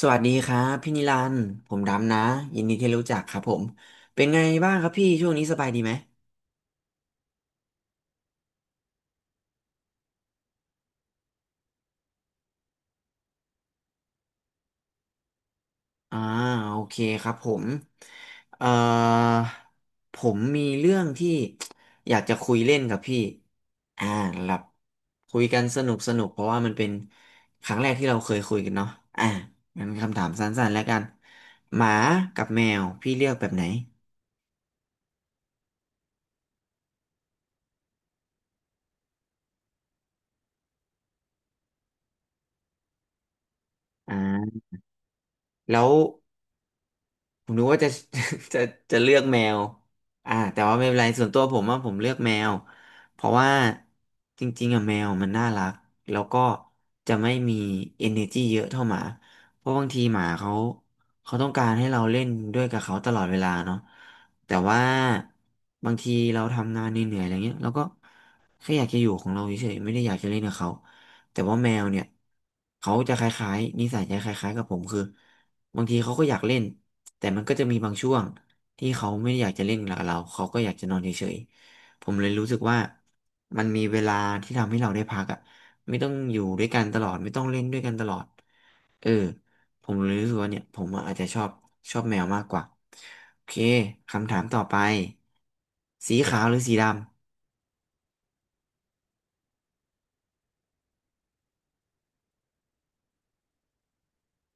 สวัสดีครับพี่นิรันดร์ผมดำนะยินดีที่รู้จักครับผมเป็นไงบ้างครับพี่ช่วงนี้สบายดีไหมอ่าโอเคครับผมเอ่อผมมีเรื่องที่ อยากจะคุยเล่นกับพี่อ่าหลับคุยกันสนุกสนุกเพราะว่ามันเป็นครั้งแรกที่เราเคยคุยกันเนาะอ่างั้นคำถามสั้นๆแล้วกันหมากับแมวพี่เลือกแบบไหนอ่าแล้ว ผมนึกว่าจะ จะจะเลือกแมวแต่ว่าไม่เป็นไรส่วนตัวผมว่าผมเลือกแมวเพราะว่าจริงๆอะแมวมันน่ารักแล้วก็จะไม่มี energy เยอะเท่าหมาเพราะบางทีหมาเขาต้องการให้เราเล่นด้วยกับเขาตลอดเวลาเนาะแต่ว่าบางทีเราทำงานเหนื่อยๆอะไรเงี้ยเราก็แค่อยากจะอยู่ของเราเฉยๆไม่ได้อยากจะเล่นกับเขาแต่ว่าแมวเนี่ยเขาจะคล้ายๆนิสัยจะคล้ายๆกับผมคือบางทีเขาก็อยากเล่น แต่มันก็จะมีบางช่วงที่เขาไม่ได้อยากจะเล่นกับเราเขาก็อยากจะนอนเฉยๆผมเลยรู้สึกว่ามันมีเวลาที่ทำให้เราได้พักอ่ะไม่ต้องอยู่ด้วยกันตลอดไม่ต้องเล่นด้วยกันตลอดเออผมเลยรู้สึกว่าเนี่ยผมอาจจะชอบแมวมากกว่าโอเคคำถามต่อไปสีขาวหรือสีดำ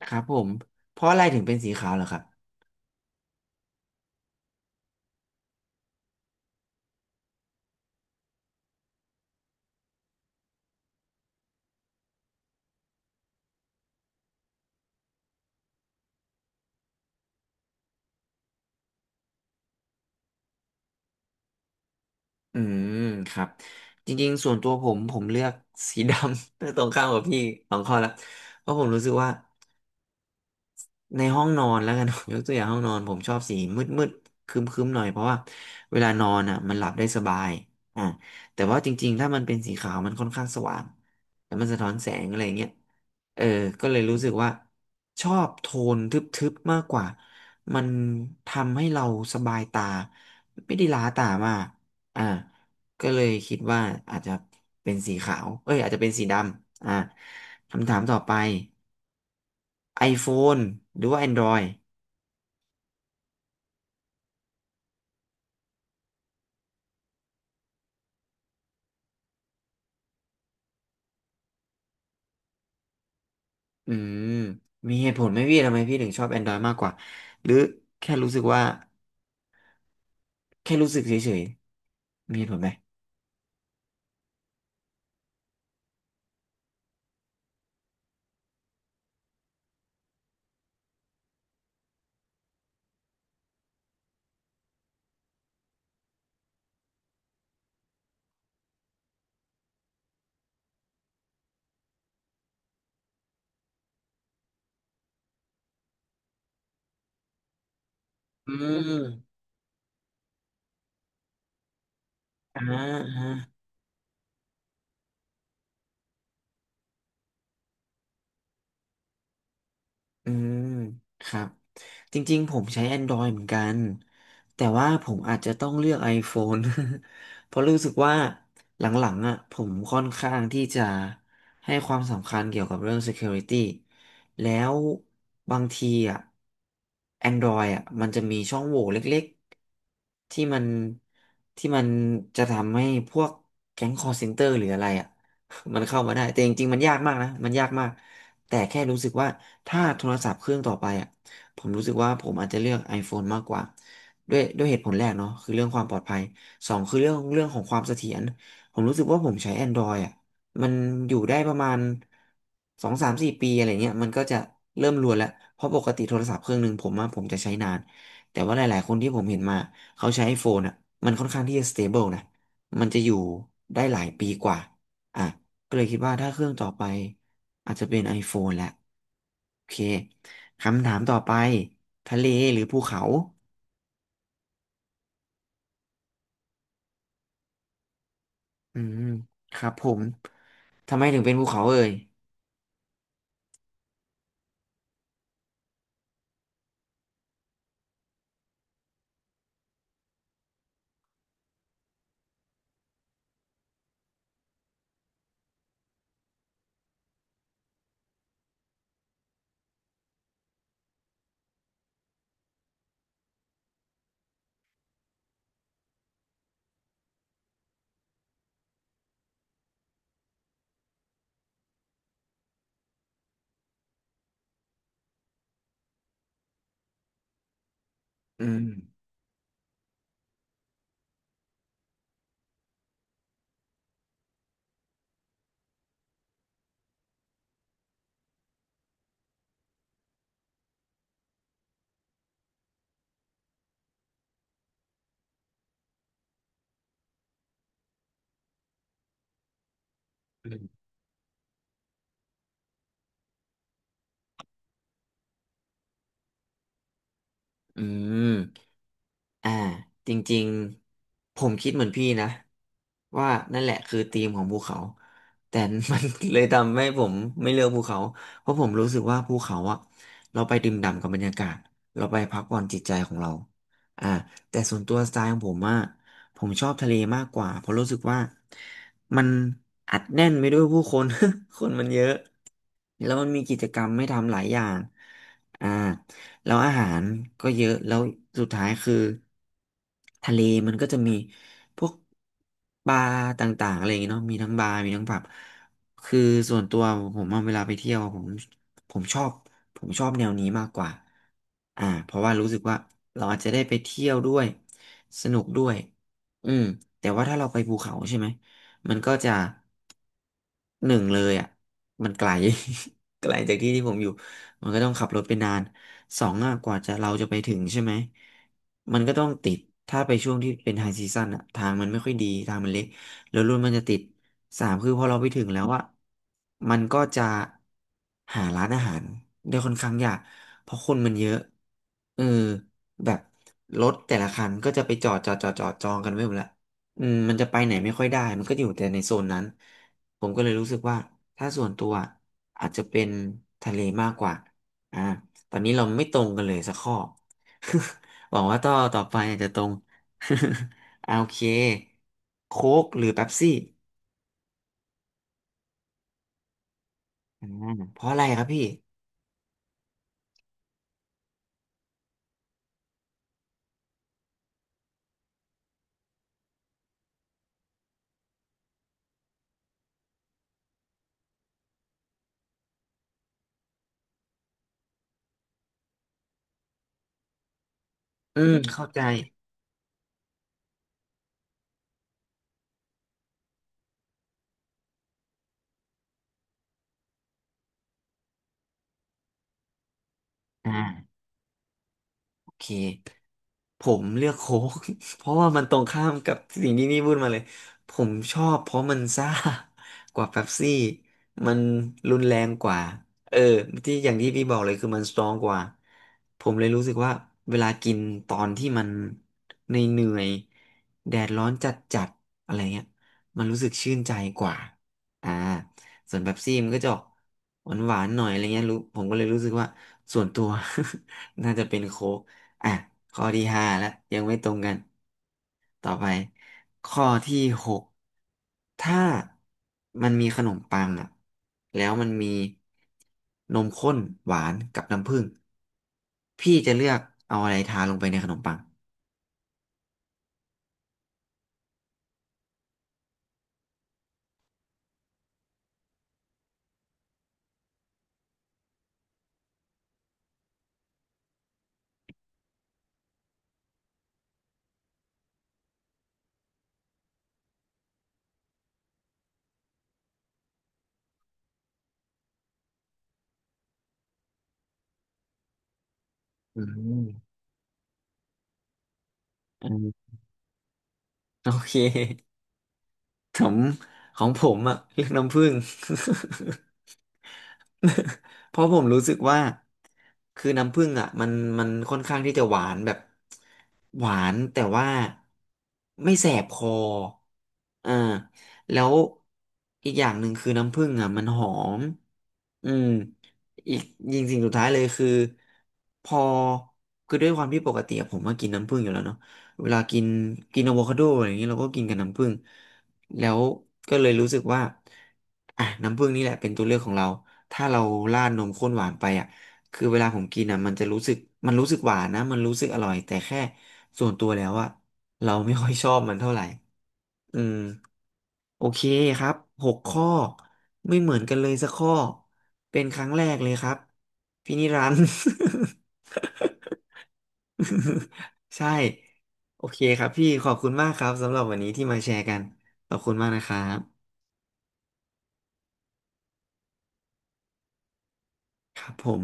ครับผมเพราะอะไรถึงเป็นสีขาวเหรอครับอืมครับจริงๆส่วนตัวผมเลือกสีดำ ตรงข้ามกับพี่สองข้อละเพราะผมรู้สึกว่า ในห้องนอนแล้วกัน ผมยกตัวอย่างห้องนอนผมชอบสีมืดมืดคึมคึมๆหน่อยเพราะว่าเวลานอนอ่ะมันหลับได้สบายอ่าแต่ว่าจริงๆถ้ามันเป็นสีขาวมันค่อนข้างสว่างแล้วมันสะท้อนแสงอะไรเงี้ยเออก็เลยรู้สึกว่าชอบโทนทึบๆมากกว่ามันทำให้เราสบายตาไม่ได้ล้าตามากอ่าก็เลยคิดว่าอาจจะเป็นสีขาวเอ้ยอาจจะเป็นสีดำคำถามต่อไป iPhone หรือว่า Android อืมมีเหตุผลไหมพี่ทำไมพี่ถึงชอบ Android มากกว่าหรือแค่รู้สึกว่าแค่รู้สึกเฉยๆมีเหตุผลไหมอืมอ่า อืมครับจริงๆผมใช้ Android เหมือนกันแต่ว่าผมอาจจะต้องเลือก iPhone เพราะรู้สึกว่าหลังๆอ่ะผมค่อนข้างที่จะให้ความสำคัญเกี่ยวกับเรื่อง Security แล้วบางทีอ่ะ Android อ่ะมันจะมีช่องโหว่เล็กๆที่มันจะทำให้พวกแก๊ง call center หรืออะไรอ่ะ มันเข้ามาได้แต่จริงๆมันยากมากนะมันยากมาก แต่แค่รู้สึกว่าถ้าโทรศัพท์เครื่องต่อไปอ่ะผมรู้สึกว่าผมอาจจะเลือก iPhone มากกว่าด้วยเหตุผลแรกเนาะคือเรื่องความปลอดภัยสองคือเรื่องของความเสถียรผมรู้สึกว่าผมใช้ Android อ่ะมันอยู่ได้ประมาณสองสามสี่ปีอะไรเงี้ยมันก็จะเริ่มรวนแล้วเพราะปกติโทรศัพท์เครื่องหนึ่งผมว่าผมจะใช้นานแต่ว่าหลายๆคนที่ผมเห็นมาเขาใช้ iPhone อ่ะมันค่อนข้างที่จะ stable นะมันจะอยู่ได้หลายปีกว่าอ่ะ ก็เลยคิดว่าถ้าเครื่องต่อไปอาจจะเป็น iPhone แหละโอเคคำถามต่อไปทะเลหรือภูเขาอืมครับผมทำไมถึงเป็นภูเขาเอ่ยอืม อืมอ่าจริงๆผมคิดเหมือนพี่นะว่านั่นแหละคือธีมของภูเขาแต่ มัน เลยทำให้ผมไม่เลือกภูเขาเพราะผมรู้สึกว่าภูเขาอะเราไปดื่มด่ำกับบรรยากาศเราไปพักผ่อนจิตใจของเราอ่าแต่ส่วนตัวสไตล์ของผมอะผมชอบทะเลมากกว่าเพราะรู้สึกว่ามันอัดแน่นไปด้วยผู้คน คนมันเยอะแล้วมันมีกิจกรรมให้ทำหลายอย่างอ่า แล้วอาหารก็เยอะแล้วสุดท้ายคือทะเลมันก็จะมีพวกบาร์ต่างๆอะไรอย่างเงี้ยเนาะมีทั้งบาร์มีทั้งผับคือส่วนตัวผมอะเวลาไปเที่ยวผมชอบผมชอบแนวนี้มากกว่าเพราะว่ารู้สึกว่าเราอาจจะได้ไปเที่ยวด้วยสนุกด้วยอืมแต่ว่าถ้าเราไปภูเขาใช่ไหมมันก็จะหนึ่งเลยอ่ะมันไกล ไกลจากที่ที่ผมอยู่ มันก็ต้องขับรถไปนานสองอะกว่าจะเราจะไปถึงใช่ไหมมันก็ต้องติดถ้าไปช่วงที่เป็นไฮซีซั่นอ่ะทางมันไม่ค่อยดีทางมันเล็กแล้วรถมันจะติดสามคือพอเราไปถึงแล้วอะมันก็จะหาร้านอาหารได้ค่อนข้างยากเพราะคนมันเยอะเออแบบรถแต่ละคันก็จะไปจอดจอดจอดจอดจองกันไว้หมดละอืมมันจะไปไหนไม่ค่อยได้มันก็อยู่แต่ในโซนนั้นผมก็เลยรู้สึกว่าถ้าส่วนตัวอาจจะเป็นทะเลมากกว่า อ่าตอนนี้เราไม่ตรงกันเลยสักข้อ หวังว่าต่อไปอาจจะตรง อ่าโอเคโค้กหรือเป๊ปซี่อ่าเพราะอะไรครับพี่อืมเข้าใจอ่า เคผมเลือกโค้ก เพราะว่ามันตรงข้ามกับสิ่งที่นี่พูดมาเลยผมชอบเพราะมันซ่ากว่าเป๊ปซี่มันรุนแรงกว่าเออที่อย่างที่พี่บอกเลยคือมันสตรองกว่าผมเลยรู้สึกว่าเวลากินตอนที่มันในเหนื่อยๆแดดร้อนจัดๆอะไรเงี้ยมันรู้สึกชื่นใจกว่าอ่าส่วนเป๊ปซี่มันก็จะออกหวานๆหน่อยอะไรเงี้ยรู้ผมก็เลยรู้สึกว่าส่วนตัว น่าจะเป็นโค้ก อ่ะข้อที่ห้าแล้วยังไม่ตรงกันต่อไปข้อที่หกถ้ามันมีขนมปังอ่ะแล้วมันมีนมข้นหวานกับน้ำผึ้งพี่จะเลือกเอาอะไรทาลงไปในขนมปังอืมอืมโอเค ผมของผมอ่ะเลือกน้ำผึ้ง เพราะผมรู้สึกว่าคือน้ำผึ้งอ่ะมันค่อนข้างที่จะหวานแบบหวานแต่ว่าไม่แสบคออ่าแล้วอีกอย่างหนึ่งคือน้ำผึ้งอ่ะมันหอมอืมอีกยิงสิ่งสุดท้ายเลยคือพอคือด้วยความที่ปกติอะผมก็กินน้ำผึ้งอยู่แล้วเนาะเวลากินกินอะโวคาโดอะไรอย่างเงี้ยเราก็กินกับน้ำผึ้ง แล้วก็เลยรู้สึกว่าอ่ะน้ำผึ้งนี่แหละเป็นตัวเลือกของเรา ถ้าเราราดนมข้นหวานไปอ่ะคือเวลาผมกินอ่ะมันจะรู้สึกมันรู้สึกหวานนะมันรู้สึกอร่อยแต่แค่ส่วนตัวแล้วอ่ะเราไม่ค่อยชอบมันเท่าไหร่อืมโอเคครับหกข้อไม่เหมือนกันเลยสักข้อเป็นครั้งแรกเลยครับพี่นิรันดร์ ใช่โอเคครับพี่ขอบคุณมากครับสำหรับวันนี้ที่มาแชร์กันขอบคุณมากนะครับ ครับผม